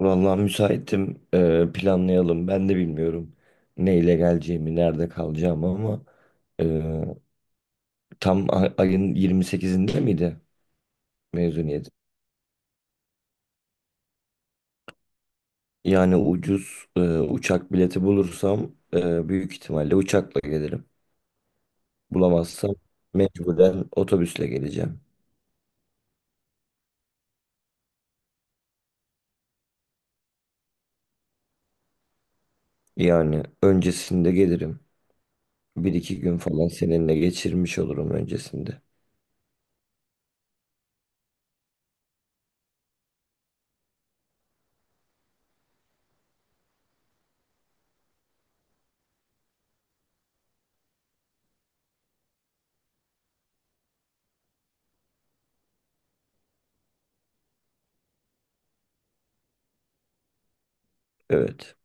Vallahi müsaitim. Planlayalım. Ben de bilmiyorum neyle geleceğimi, nerede kalacağımı ama e, tam ayın 28'inde miydi mezuniyet? Yani ucuz uçak bileti bulursam büyük ihtimalle uçakla gelirim. Bulamazsam mecburen otobüsle geleceğim. Yani öncesinde gelirim. Bir iki gün falan seninle geçirmiş olurum öncesinde. Evet.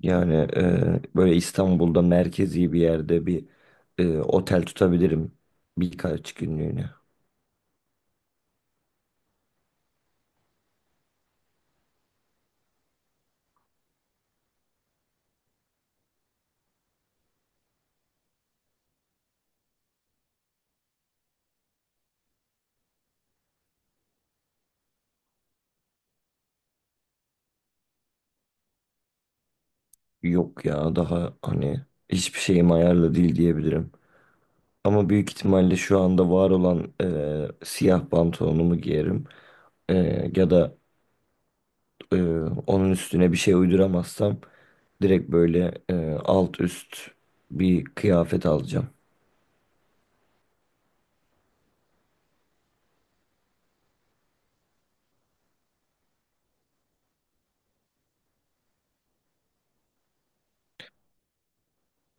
Yani böyle İstanbul'da merkezi bir yerde bir otel tutabilirim birkaç günlüğüne. Yok ya daha hani hiçbir şeyim ayarlı değil diyebilirim. Ama büyük ihtimalle şu anda var olan siyah pantolonumu giyerim. E, ya da e, onun üstüne bir şey uyduramazsam direkt böyle alt üst bir kıyafet alacağım.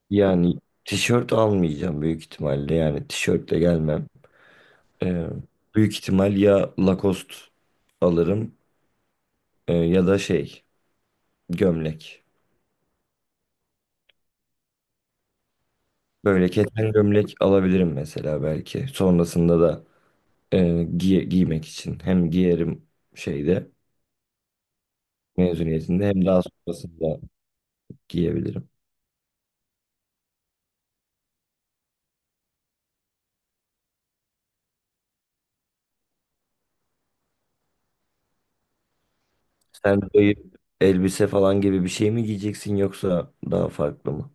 Yani tişört almayacağım büyük ihtimalle yani tişörtle gelmem. Ee, büyük ihtimal ya Lacoste alırım, ya da şey gömlek. Böyle keten gömlek alabilirim mesela belki. Sonrasında da e, giymek için. Hem giyerim şeyde mezuniyetinde hem daha sonrasında giyebilirim. Sen dayı elbise falan gibi bir şey mi giyeceksin yoksa daha farklı mı?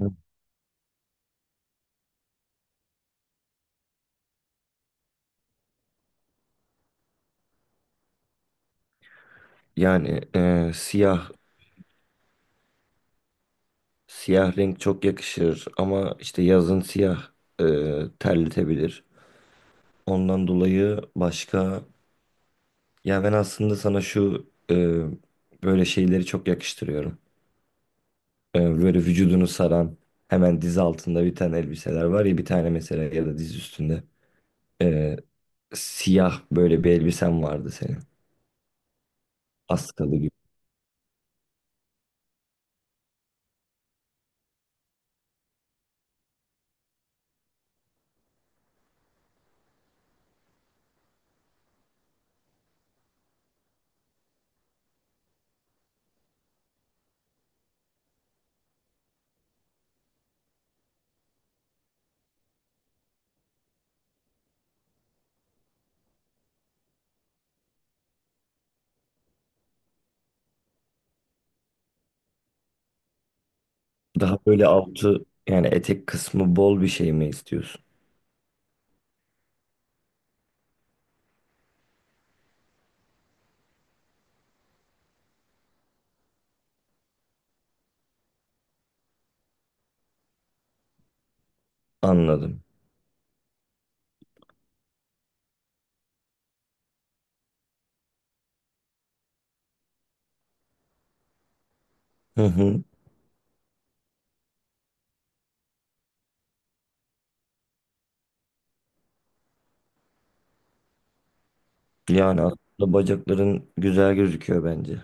Hı. Yani siyah renk çok yakışır ama işte yazın siyah e, terletebilir. Ondan dolayı başka, ya ben aslında sana şu böyle şeyleri çok yakıştırıyorum. Böyle vücudunu saran hemen diz altında bir tane elbiseler var ya, bir tane mesela, ya da diz üstünde. E, siyah böyle bir elbisen vardı senin, askalı gibi. Daha böyle altı, yani etek kısmı bol bir şey mi istiyorsun? Anladım. Hı hı. Yani aslında bacakların güzel gözüküyor bence.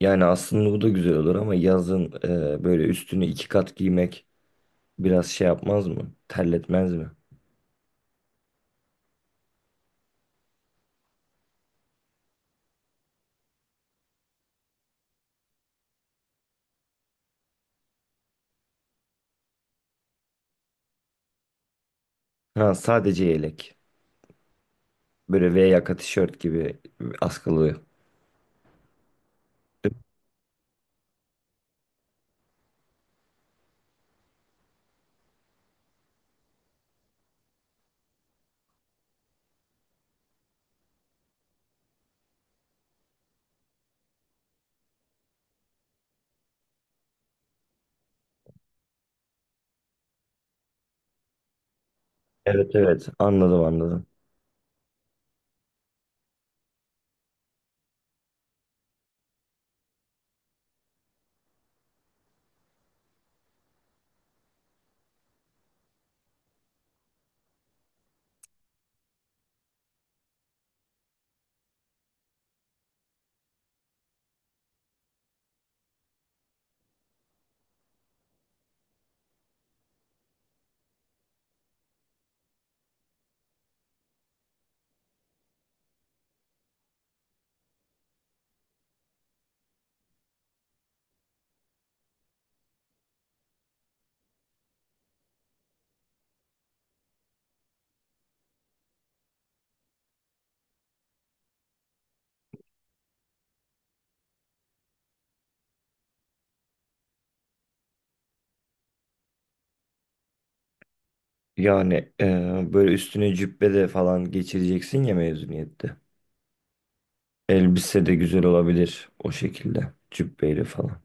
Yani aslında bu da güzel olur ama yazın böyle üstünü iki kat giymek biraz şey yapmaz mı? Terletmez mi? Ha, sadece yelek. Böyle V yaka tişört gibi, askılı. Evet, evet, anladım, anladım. Yani böyle üstüne cübbe de falan geçireceksin ya mezuniyette. Elbise de güzel olabilir o şekilde. Cübbeyle falan.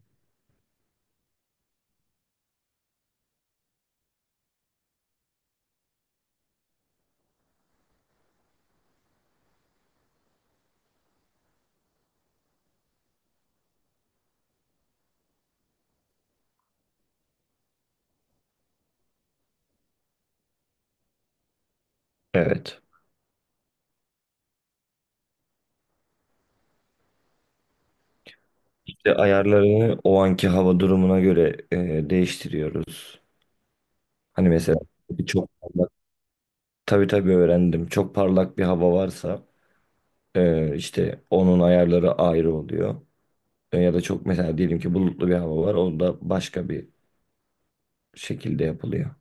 Evet. İşte ayarlarını o anki hava durumuna göre değiştiriyoruz. Hani mesela çok parlak, tabii, tabii öğrendim. Çok parlak bir hava varsa işte onun ayarları ayrı oluyor. Ya da çok, mesela diyelim ki bulutlu bir hava var. O da başka bir şekilde yapılıyor.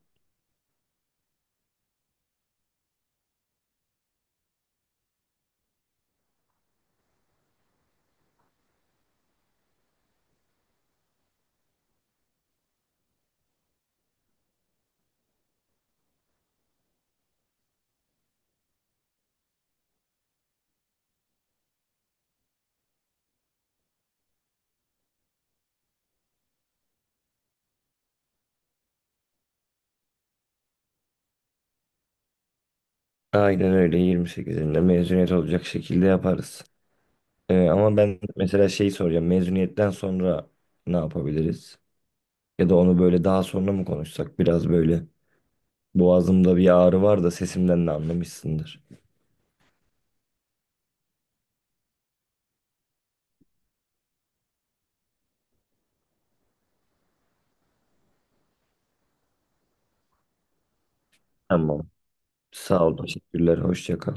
Aynen öyle, 28'inde mezuniyet olacak şekilde yaparız. Ama ben mesela şeyi soracağım. Mezuniyetten sonra ne yapabiliriz? Ya da onu böyle daha sonra mı konuşsak? Biraz böyle boğazımda bir ağrı var, da sesimden de anlamışsındır. Tamam. Sağ ol. Teşekkürler. Hoşça kal.